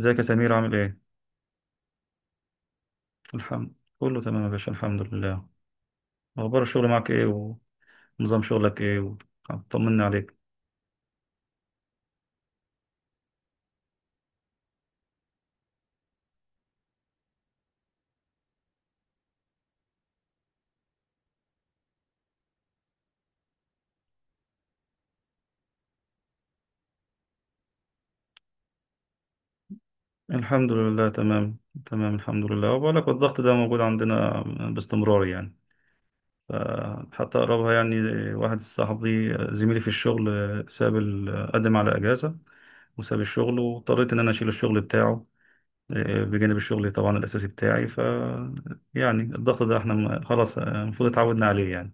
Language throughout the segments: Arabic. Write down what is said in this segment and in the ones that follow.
ازيك يا سمير عامل ايه؟ الحمد كله تمام يا باشا، الحمد لله. اخبار الشغل معاك ايه ونظام شغلك ايه طمنا عليك. الحمد لله تمام، تمام الحمد لله. وبقول لك الضغط ده موجود عندنا باستمرار يعني، ف- حتى قربها يعني. واحد صاحبي زميلي في الشغل ساب قدم على اجازة وساب الشغل، واضطريت ان انا اشيل الشغل بتاعه. إيه، بجانب الشغل طبعا الاساسي بتاعي، ف يعني الضغط ده احنا خلاص المفروض اتعودنا عليه يعني.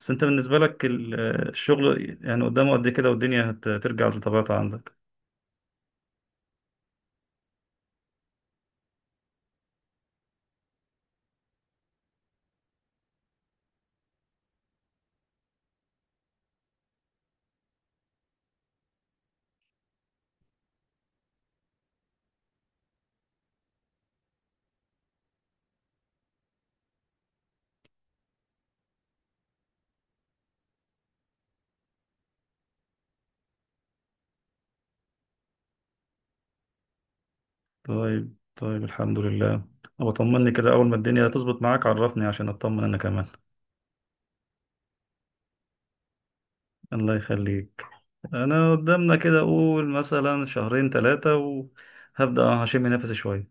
بس انت بالنسبة لك الشغل يعني قدامه قد كده، والدنيا هترجع لطبيعتها عندك. طيب الحمد لله. أبقى طمني كده أول ما الدنيا تظبط معاك، عرفني عشان أطمن أنا كمان. الله يخليك. أنا قدامنا كده أقول مثلا شهرين ثلاثة وهبدأ هشم نفسي شوية.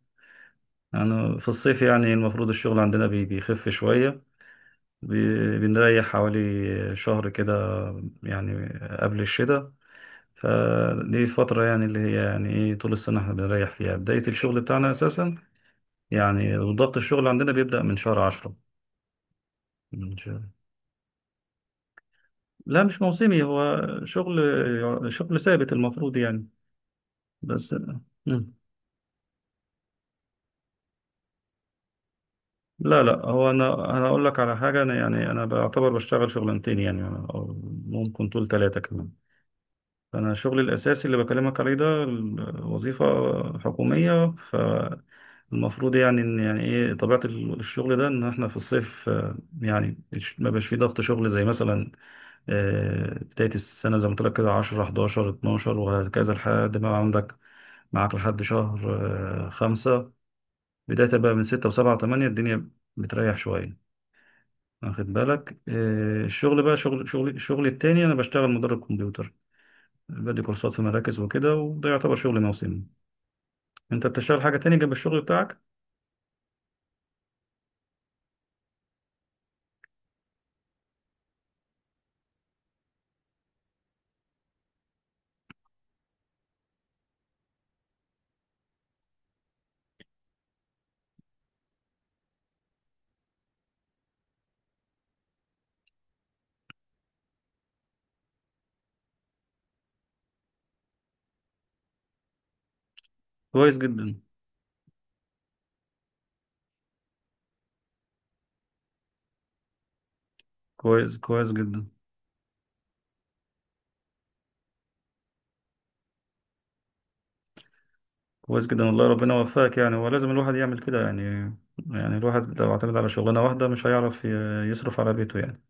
أنا في الصيف يعني المفروض الشغل عندنا بيخف شوية، بنريح حوالي شهر كده يعني، قبل الشتاء. فدي فترة يعني اللي هي يعني ايه طول السنة احنا بنريح فيها، بداية الشغل بتاعنا اساسا يعني ضغط الشغل عندنا بيبدأ من شهر عشرة، من شهر. لا، مش موسمي، هو شغل ثابت المفروض يعني، بس. مم. لا لا، هو انا، اقول لك على حاجة. انا يعني انا بعتبر بشتغل شغلانتين يعني، أو ممكن طول ثلاثة كمان. فأنا شغلي الأساسي اللي بكلمك عليه ده وظيفة حكومية. فالمفروض يعني إن يعني إيه طبيعة الشغل ده إن إحنا في الصيف، آه، يعني ما بقاش فيه ضغط شغل زي مثلا بداية السنة زي ما قلت لك كده 10 11 12 وهكذا، لحد ما عندك معاك لحد شهر آه، خمسة. بداية بقى من ستة وسبعة وثمانية الدنيا بتريح شوية، واخد بالك؟ آه، الشغل بقى، شغل، الشغل التاني، أنا بشتغل مدرب كمبيوتر، بدي كورسات في مراكز وكده، وده يعتبر شغل موسمي. انت بتشتغل حاجة تانية جنب الشغل بتاعك؟ كويس جدا. كويس، كويس جدا. كويس جدا والله، ربنا يوفقك. يعني هو لازم الواحد يعمل كده يعني. يعني الواحد لو اعتمد على شغلانة واحدة مش هيعرف يصرف على بيته يعني.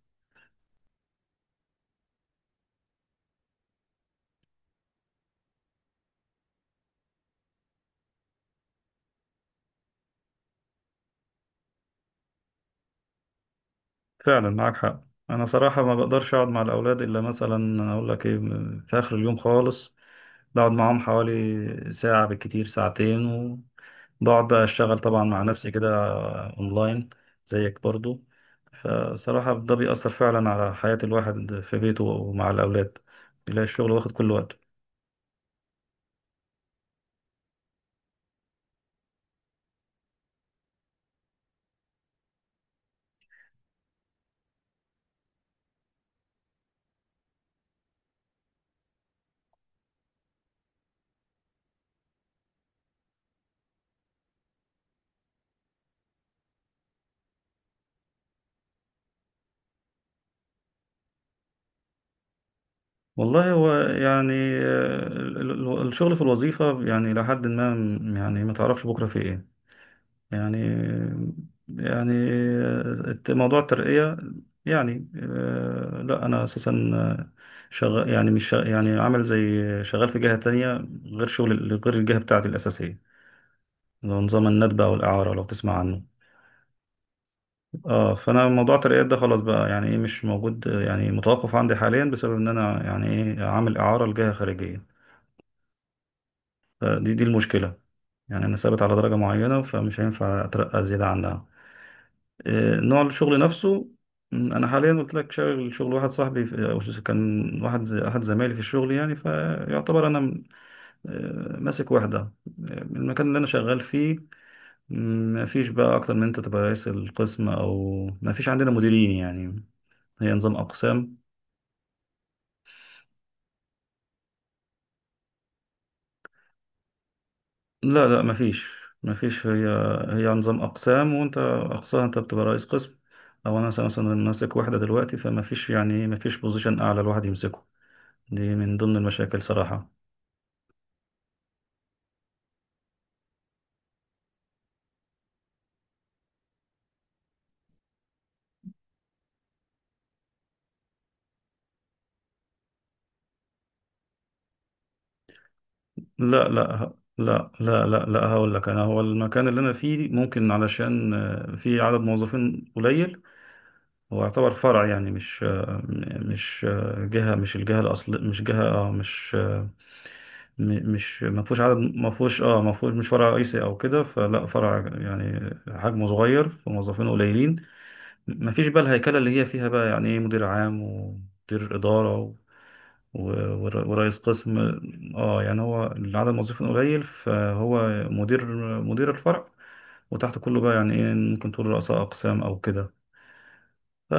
فعلا معاك حق. انا صراحة ما بقدرش اقعد مع الاولاد الا مثلا اقول لك ايه، في اخر اليوم خالص، بقعد معاهم حوالي ساعة بالكتير ساعتين، وبقعد بقى أشتغل طبعا مع نفسي كده، أونلاين، زيك برضو. فصراحة ده بيأثر فعلا على حياة الواحد في بيته ومع الأولاد، بيلاقي الشغل واخد كل وقته. والله هو يعني آه، الشغل في الوظيفة يعني لحد ما يعني ما تعرفش بكرة في إيه يعني. يعني موضوع الترقية، يعني آه، لا أنا أساسا آه، شغال يعني مش شغ- يعني عامل زي، شغال في جهة تانية غير شغل، غير الجهة بتاعتي الأساسية، اللي هو نظام الندبة أو الإعارة لو تسمع عنه. اه، فأنا موضوع الترقيات ده خلاص بقى يعني إيه مش موجود، آه، يعني متوقف عندي حاليا بسبب إن أنا يعني إيه عامل إعارة لجهة خارجية. دي المشكلة يعني. أنا ثابت على درجة معينة فمش هينفع أترقى زيادة عنها. آه، نوع الشغل نفسه، م، انا حاليا قلت لك شغل، واحد صاحبي آه، كان واحد احد زمايلي في الشغل يعني، فيعتبر انا م، آه، ماسك واحده آه، المكان اللي انا شغال فيه. ما فيش بقى اكتر من انت تبقى رئيس القسم، او ما فيش عندنا مديرين يعني، هي نظام اقسام. لا ما فيش، هي نظام اقسام، وانت اقسام انت بتبقى رئيس قسم، او انا مثلا، مثلاً، ماسك واحده دلوقتي، فما فيش يعني، ما فيش بوزيشن اعلى الواحد يمسكه. دي من ضمن المشاكل صراحه. لا لا ه- لا لا لا لا هقول لك انا، هو المكان اللي انا فيه ممكن علشان آه، في عدد موظفين قليل، هو يعتبر فرع يعني، مش آه، م- مش آه، جهة، مش الجهة الأصل مش جهة اه مش آه، م- مش ما فيهوش عدد، ما فيهوش، مش فرع رئيسي او كده، فلا فرع يعني حجمه صغير، فموظفين قليلين. ما فيش بقى الهيكلة اللي هي فيها بقى يعني ايه مدير عام ومدير إدارة و- ورئيس قسم. اه يعني هو العدد الموظفين قليل، فهو مدير، الفرع، وتحت كله بقى يعني ايه ممكن تقول رؤساء اقسام او كده، ف.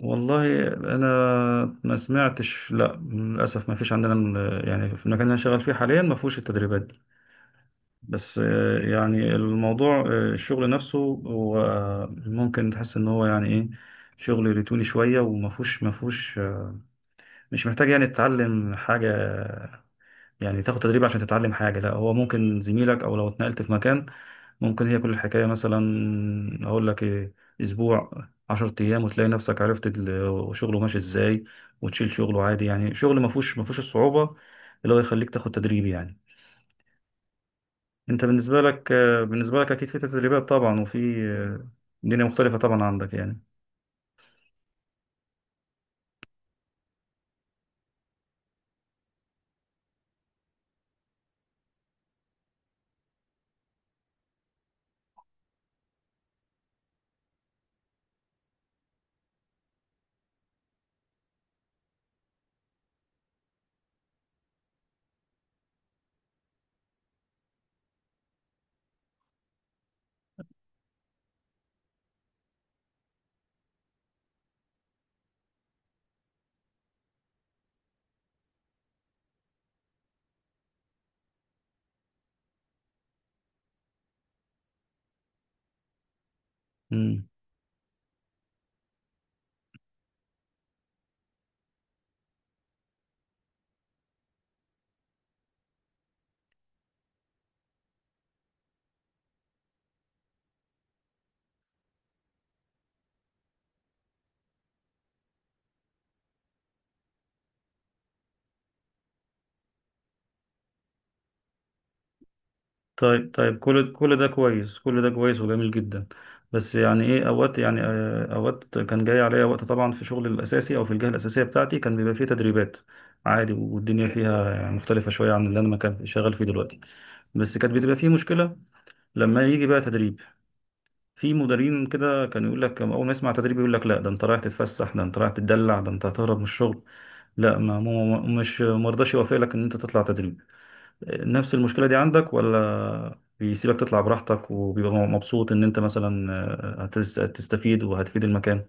والله انا ما سمعتش، لا للاسف ما فيش عندنا يعني في المكان اللي انا شغال فيه حاليا ما فيهوش التدريبات دي. بس آه، يعني الموضوع آه، الشغل نفسه هو ممكن تحس ان هو يعني ايه شغل روتيني شويه، وما فيهوش مش محتاج يعني تتعلم حاجه، يعني تاخد تدريب عشان تتعلم حاجة. لا، هو ممكن زميلك أو لو اتنقلت في مكان، ممكن هي كل الحكاية مثلا أقول لك إيه، أسبوع، عشرة أيام، وتلاقي نفسك عرفت شغله ماشي إزاي، وتشيل شغله عادي يعني. شغل ما فيهوش الصعوبة اللي هو يخليك تاخد تدريب يعني. أنت بالنسبة لك آه، بالنسبة لك أكيد في تدريبات طبعا، وفي آه، دنيا مختلفة طبعا عندك يعني. مم. طيب كل ده كويس، وجميل جدا. بس يعني ايه اوقات يعني آه، اوقات كان جاي عليا وقت طبعا في شغل الاساسي او في الجهه الاساسيه بتاعتي كان بيبقى فيه تدريبات عادي، والدنيا فيها يعني مختلفه شويه عن اللي انا ما كان شغال فيه دلوقتي. بس كانت بتبقى فيه مشكله لما يجي بقى تدريب، في مديرين كده كان يقول لك اول ما يسمع تدريب يقول لك لا، ده انت رايح تتفسح، ده انت رايح تتدلع، ده انت هتهرب من الشغل، لا. ما مو- مش مرضاش يوافق لك ان انت تطلع تدريب. نفس المشكلة دي عندك، ولا بيسيبك تطلع براحتك وبيبقى مبسوط إن أنت مثلا آه، هتستفيد وهتفيد المكان؟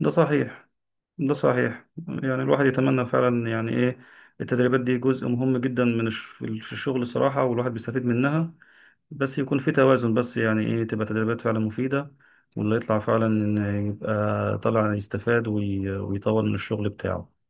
ده صحيح، ده صحيح يعني. الواحد يتمنى فعلا يعني إيه، التدريبات دي جزء مهم جدا في الشغل الصراحة، والواحد بيستفيد منها. بس يكون في توازن، بس يعني إيه تبقى تدريبات فعلا مفيدة، واللي يطلع فعلا إن يبقى طلع يستفاد ويطور من الشغل بتاعه.